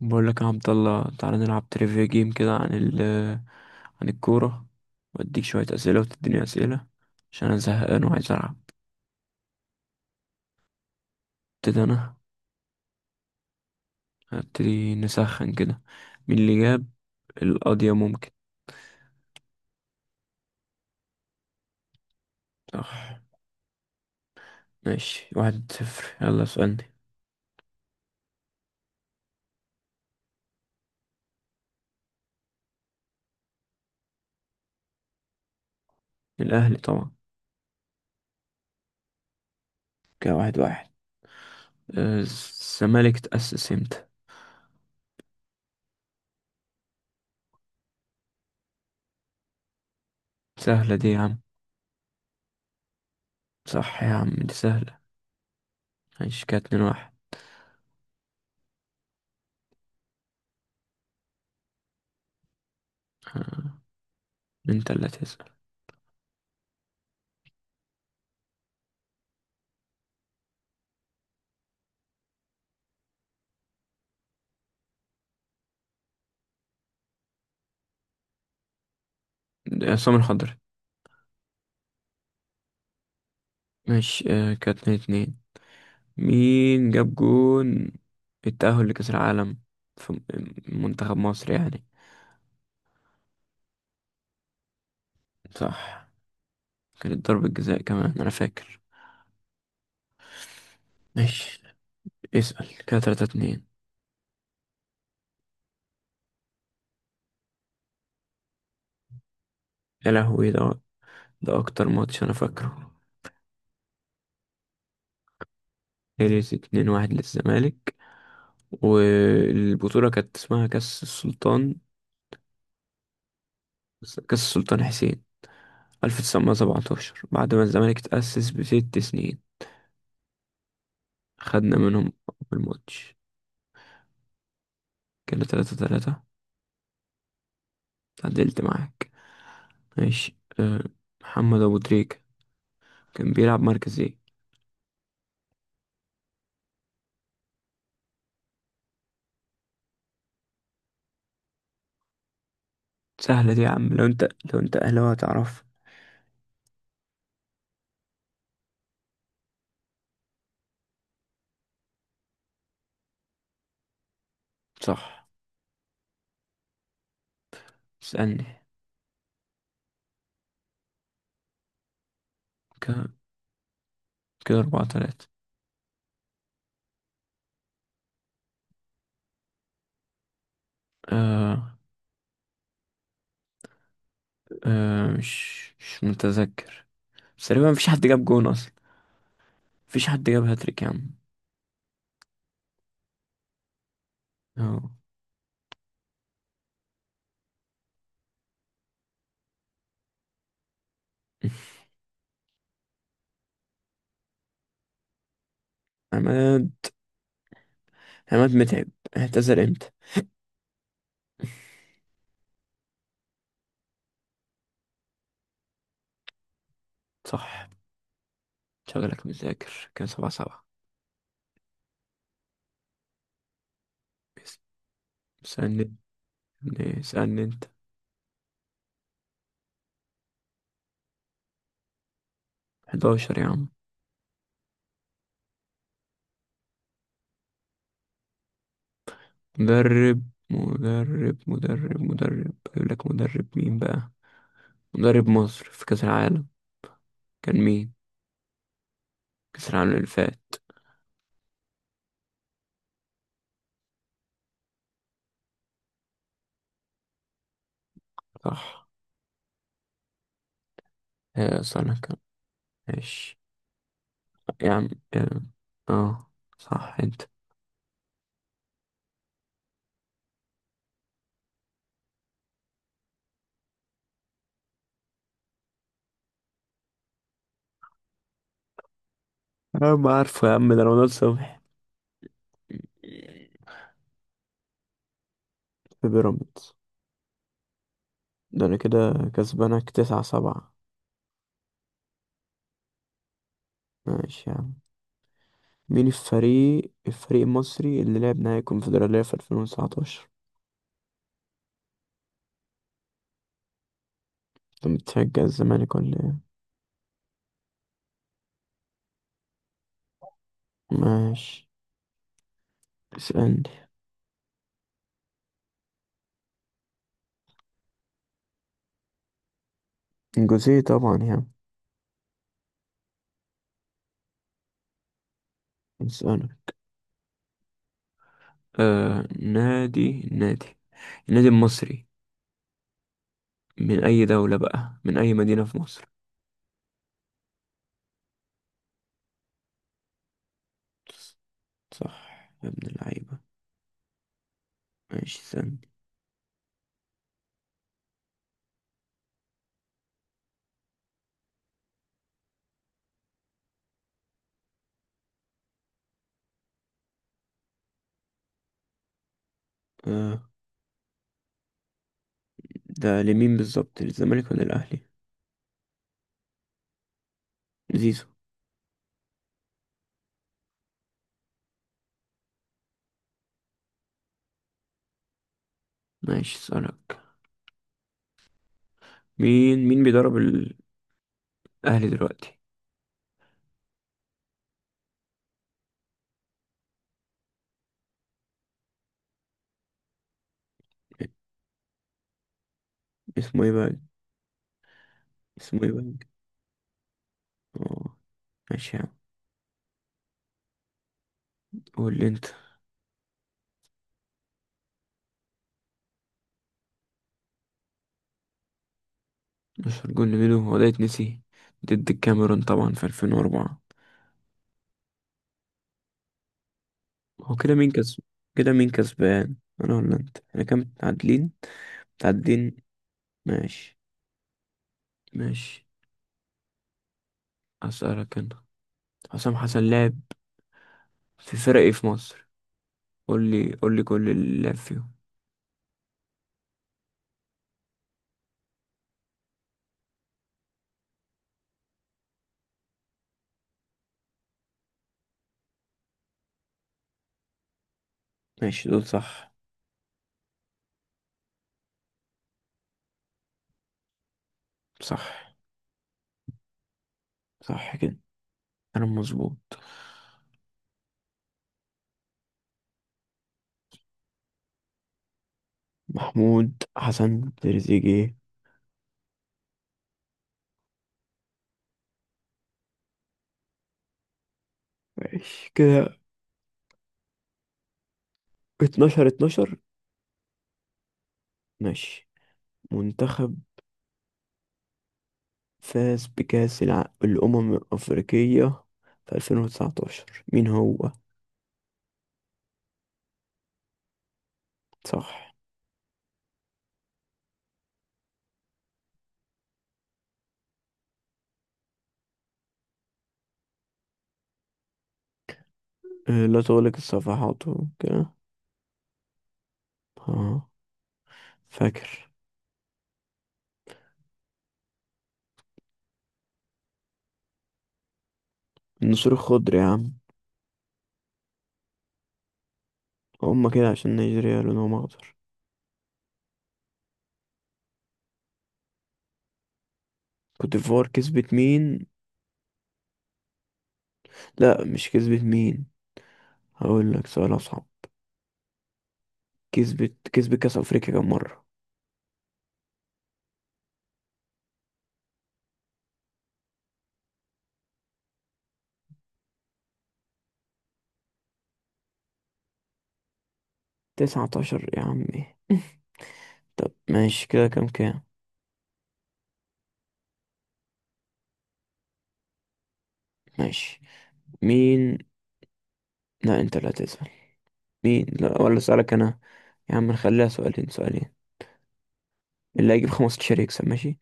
بقول لك يا عبد الله، تعالى نلعب تريفيا جيم كده عن ال عن الكورة. واديك شوية أسئلة وتديني أسئلة، عشان أنا زهقان وعايز ألعب. ابتدي أنا. هبتدي نسخن كده. مين اللي جاب القضية؟ ممكن. صح. ماشي واحد صفر، يلا اسألني. الأهلي طبعا. كده واحد واحد. الزمالك تأسس امتى؟ سهلة دي يا عم. صح يا عم دي سهلة. ماشي كده اتنين واحد. آه، انت اللي هتسأل. عصام الخضري. ماشي. كده اتنين اتنين. مين جاب جون التأهل لكأس العالم في منتخب مصر يعني؟ صح. كانت ضربة جزاء كمان أنا فاكر. ماشي اسأل. كده تلاتة اتنين. يا لهوي ده. ده أكتر ماتش أنا فاكره. خلص اتنين واحد للزمالك. والبطولة كانت اسمها كأس السلطان. كأس السلطان حسين 1917، بعد ما الزمالك تأسس بست سنين. خدنا منهم. أول ماتش. كده تلاتة تلاتة. تعدلت معاك. ماشي أه. محمد ابو تريكة كان بيلعب مركز ايه؟ سهلة دي يا عم لو انت، لو انت اهلاوي هتعرف. صح. اسألني. كده كده اربعة تلاتة. أه. أه مش متذكر. بس تقريبا مفيش حد جاب جون اصلا. مفيش حد جاب هاتريك يا عم. اه. عماد، متعب اعتذر امتى؟ صح. شغلك مذاكر. كان سبعة سبعة. بس- اسألني. اسألني انت. 11 يا عم. مدرب مدرب اجيب لك. مدرب مين بقى؟ مدرب مصر في كأس العالم كان مين؟ كأس العالم اللي فات. صح. آه سنة كان. ماشي يا عم. يا عم. اه. صح انت. انا ما عارفه يا عم، ده رمضان صبحي. في بيراميدز. ده انا كده كسبانك تسعة سبعة. ماشي يا عم. مين الفريق، المصري اللي لعب نهائي الكونفدرالية في 2019؟ انت بتشجع الزمالك ولا ايه؟ ماشي اسألني. جوزيه طبعا يعني. نسأله. آه نادي نادي النادي المصري من أي دولة بقى، من أي مدينة في مصر؟ صح يا ابن اللعيبة. ماشي استنى. آه. ده لمين بالظبط، للزمالك ولا الأهلي؟ زيزو. ماشي اسألك. مين بيدرب الأهلي دلوقتي؟ اسمه ايه بقى؟ اسمه ايه بقى؟ اه. ماشي يا عم. قول لي انت. مش هرجون لميدو هو ده يتنسي. ضد الكاميرون طبعا في 2004. هو كده مين كسب؟ كده مين كسبان، انا ولا انت؟ احنا كام متعادلين؟ متعادلين. ماشي. ماشي. هسألك انا. حسام حسن لعب في فرق ايه في مصر؟ قول لي، قول لي كل اللي لعب فيهم. ماشي دول صح. صح صح كده. انا مظبوط. محمود حسن تريزيجيه. ماشي كده 12 12. ماشي. منتخب فاز بكأس الأمم الأفريقية في 2019، مين هو؟ صح. لا تغلق الصفحات وكده. اه فاكر. النسور الخضر يا عم. هما كده عشان نيجيريا لونهم اخضر. كوت ديفوار كسبت مين؟ لا مش كسبت مين، هقول لك سؤال اصعب. كسبت كاس افريقيا كام مره؟ 19 يا عمي طب ماشي كده كام كام. ماشي. مين. لا انت لا تسأل. مين. لا، ولا اسألك انا. يا عم نخليها سؤالين سؤالين، اللي هيجيب 15 يكسب ماشي؟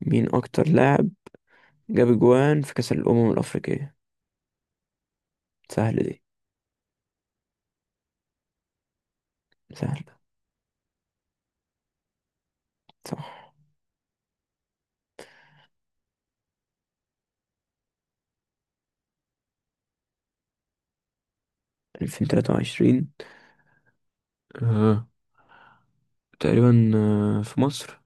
مين اكتر لاعب جاب جوان في كأس الأمم الأفريقية؟ سهلة دي. سهلة. صح. 2023. آه. تقريبا في مصر.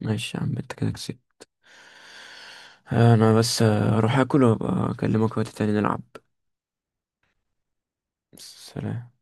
ماشي يا عم انت كده كسبت. انا بس اروح اكل وابقى اكلمك وقت تاني نلعب. سلام.